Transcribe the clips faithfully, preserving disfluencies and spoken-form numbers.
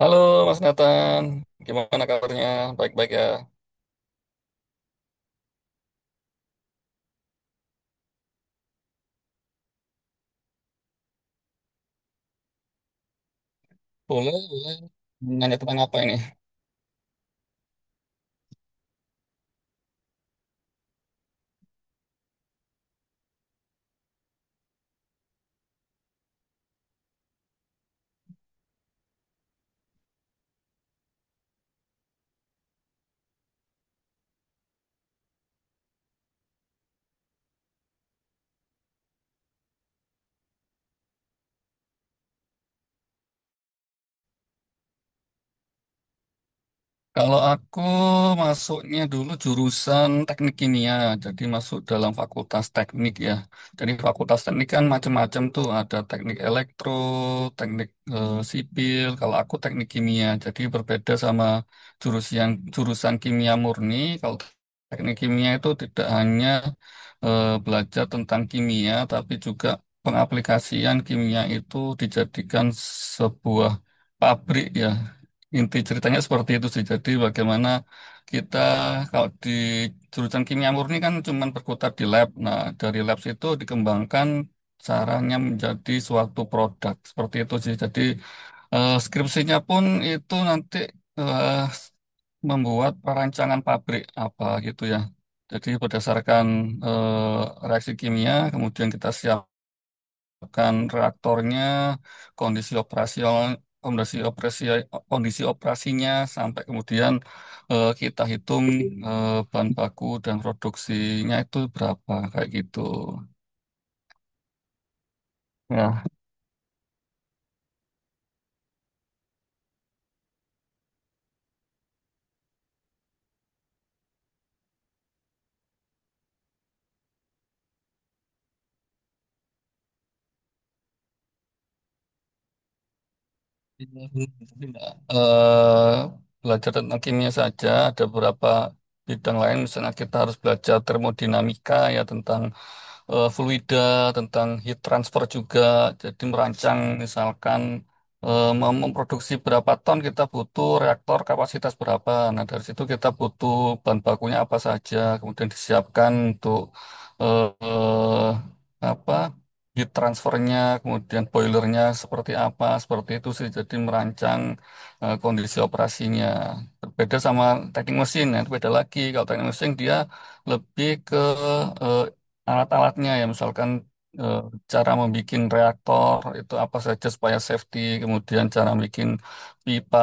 Halo Mas Nathan, gimana kabarnya? Baik-baik ya? Boleh, boleh. Nanya tentang apa ini? Kalau aku masuknya dulu jurusan teknik kimia, jadi masuk dalam fakultas teknik ya. Jadi fakultas teknik kan macam-macam tuh, ada teknik elektro, teknik eh, sipil. Kalau aku teknik kimia, jadi berbeda sama jurusan jurusan kimia murni. Kalau teknik kimia itu tidak hanya eh, belajar tentang kimia, tapi juga pengaplikasian kimia itu dijadikan sebuah pabrik ya. Inti ceritanya seperti itu sih. Jadi bagaimana kita kalau di jurusan kimia murni kan cuma berkutat di lab. Nah, dari lab itu dikembangkan caranya menjadi suatu produk. Seperti itu sih. Jadi eh, skripsinya pun itu nanti eh, membuat perancangan pabrik apa gitu ya. Jadi berdasarkan eh, reaksi kimia, kemudian kita siap kan reaktornya, kondisi operasional, kondisi operasi, kondisi operasinya sampai kemudian eh, kita hitung eh, bahan baku dan produksinya itu berapa kayak gitu. Ya. Tidak, eh belajar tentang kimia saja, ada beberapa bidang lain, misalnya kita harus belajar termodinamika ya tentang eh, fluida, tentang heat transfer juga, jadi merancang misalkan eh, mem- memproduksi berapa ton kita butuh reaktor kapasitas berapa. Nah, dari situ kita butuh bahan bakunya apa saja, kemudian disiapkan untuk eh, eh, apa? Heat transfernya, kemudian boilernya seperti apa, seperti itu sih. Jadi merancang eh, kondisi operasinya. Berbeda sama teknik mesin, ya, itu beda lagi. Kalau teknik mesin dia lebih ke eh, alat-alatnya ya, misalkan eh, cara membuat reaktor itu apa saja supaya safety, kemudian cara bikin pipa,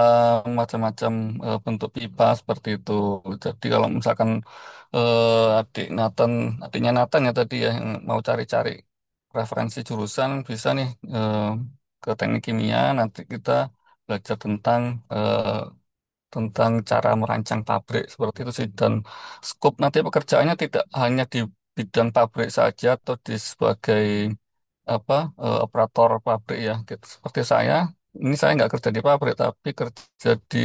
macam-macam eh, bentuk pipa seperti itu. Jadi kalau misalkan eh, adik Nathan, adiknya Nathan ya tadi ya yang mau cari-cari referensi jurusan bisa nih eh, ke teknik kimia, nanti kita belajar tentang eh, tentang cara merancang pabrik seperti itu sih. Dan skop nanti pekerjaannya tidak hanya di bidang pabrik saja atau di sebagai apa eh, operator pabrik ya gitu. Seperti saya, ini saya nggak kerja di pabrik tapi kerja di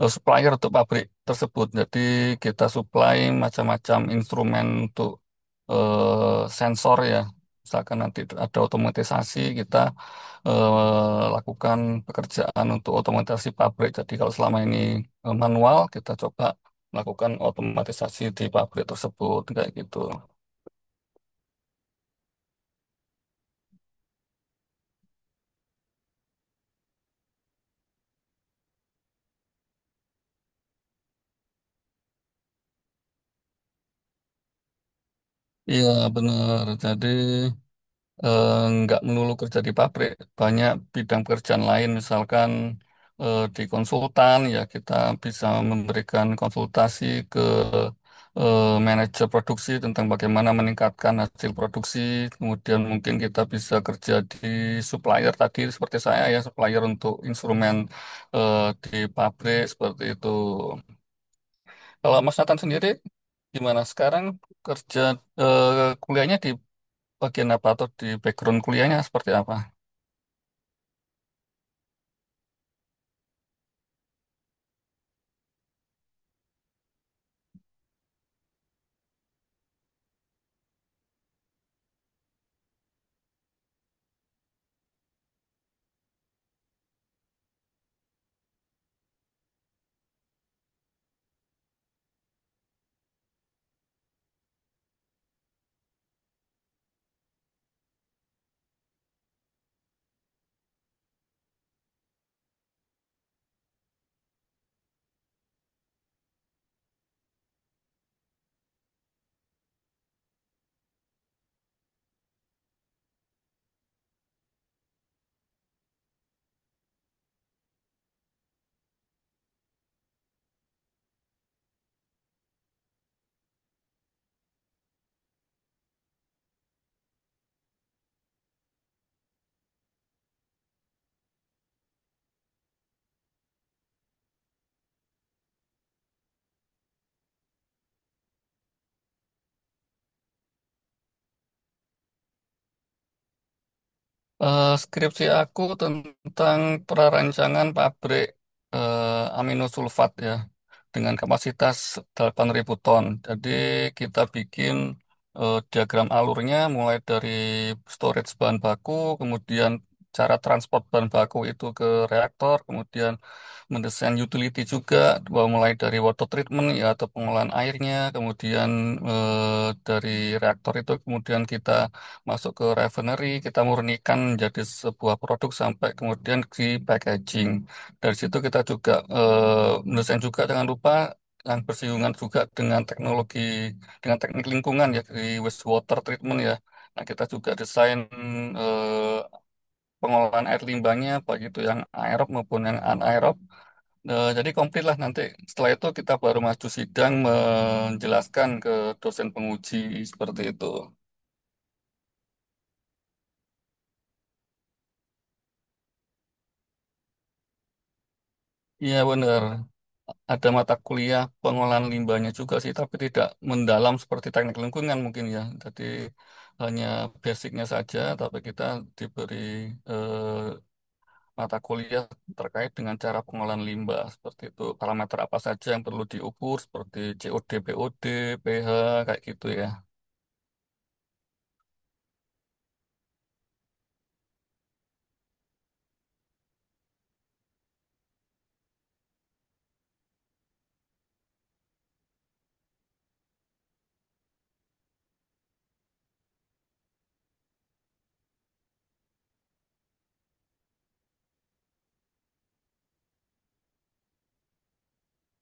eh, supplier untuk pabrik tersebut. Jadi kita supply macam-macam instrumen untuk eh, sensor ya. Misalkan nanti ada otomatisasi, kita eh, lakukan pekerjaan untuk otomatisasi pabrik. Jadi kalau selama ini eh, manual, kita coba lakukan otomatisasi di pabrik tersebut kayak gitu. Iya benar. Jadi eh, nggak melulu kerja di pabrik, banyak bidang pekerjaan lain, misalkan eh, di konsultan, ya kita bisa memberikan konsultasi ke eh, manajer produksi tentang bagaimana meningkatkan hasil produksi. Kemudian mungkin kita bisa kerja di supplier tadi, seperti saya ya, supplier untuk instrumen eh, di pabrik seperti itu. Kalau Mas Nathan sendiri, gimana sekarang kerja eh, kuliahnya di bagian apa, atau di background kuliahnya seperti apa? Eh, skripsi aku tentang prarancangan pabrik eh, aminosulfat ya dengan kapasitas delapan ribu ton. Jadi kita bikin eh, diagram alurnya mulai dari storage bahan baku, kemudian cara transport bahan baku itu ke reaktor, kemudian mendesain utility juga, bahwa mulai dari water treatment ya atau pengolahan airnya, kemudian eh, dari reaktor itu kemudian kita masuk ke refinery, kita murnikan menjadi sebuah produk sampai kemudian di packaging. Dari situ kita juga eh, mendesain juga, jangan lupa, yang bersinggungan juga dengan teknologi dengan teknik lingkungan ya, di wastewater treatment ya. Nah, kita juga desain eh, pengolahan air limbahnya baik itu yang aerob maupun yang anaerob. Eh, jadi komplit lah nanti. Setelah itu kita baru maju sidang menjelaskan ke dosen penguji seperti itu. Iya benar. Ada mata kuliah pengolahan limbahnya juga sih, tapi tidak mendalam seperti teknik lingkungan mungkin ya. Jadi hanya basicnya saja, tapi kita diberi eh, mata kuliah terkait dengan cara pengolahan limbah seperti itu. Parameter apa saja yang perlu diukur seperti C O D, B O D, pH kayak gitu ya.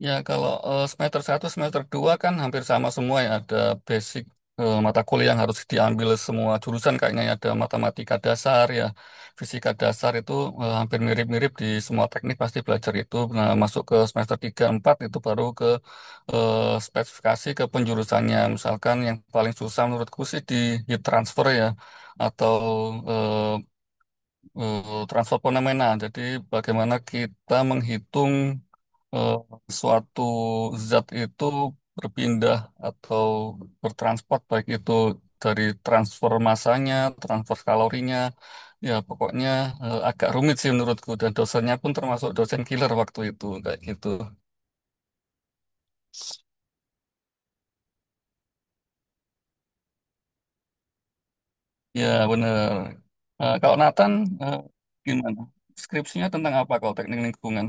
Ya, kalau eh, semester satu, semester dua kan hampir sama semua ya. Ada basic eh, mata kuliah yang harus diambil semua jurusan. Kayaknya ya. Ada matematika dasar ya, fisika dasar itu eh, hampir mirip-mirip di semua teknik, pasti belajar itu. Nah, masuk ke semester tiga, empat itu baru ke eh, spesifikasi ke penjurusannya. Misalkan yang paling susah menurutku sih di heat transfer ya, atau eh, eh, transfer fenomenal. Jadi bagaimana kita menghitung eh, suatu zat itu berpindah atau bertransport, baik itu dari transfer masanya, transfer kalorinya, ya pokoknya eh, agak rumit sih menurutku, dan dosennya pun termasuk dosen killer waktu itu kayak gitu. Ya benar. Eh, kalau Nathan eh, gimana? Skripsinya tentang apa kalau teknik lingkungan?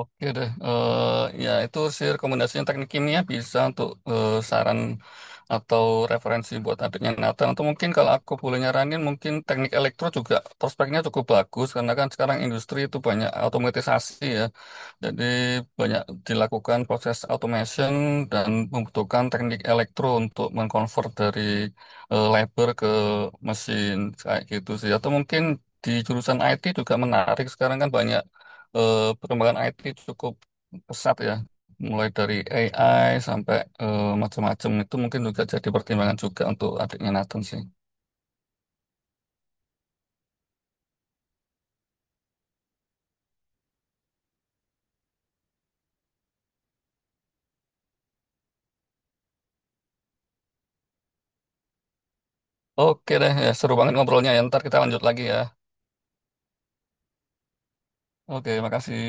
Oke deh. Eh, ya itu sih rekomendasinya, teknik kimia bisa untuk eh, saran atau referensi buat adiknya Nathan. Atau mungkin kalau aku boleh nyaranin, mungkin teknik elektro juga prospeknya cukup bagus, karena kan sekarang industri itu banyak otomatisasi ya. Jadi banyak dilakukan proses automation dan membutuhkan teknik elektro untuk mengkonvert dari eh, labor ke mesin kayak gitu sih. Atau mungkin di jurusan I T juga menarik. Sekarang kan banyak eh, perkembangan I T cukup pesat ya. Mulai dari A I sampai eh, macam-macam, itu mungkin juga jadi pertimbangan juga untuk adiknya Nathan sih. Oke deh, ya, seru banget ngobrolnya ya. Ntar kita lanjut lagi ya. Oke, makasih.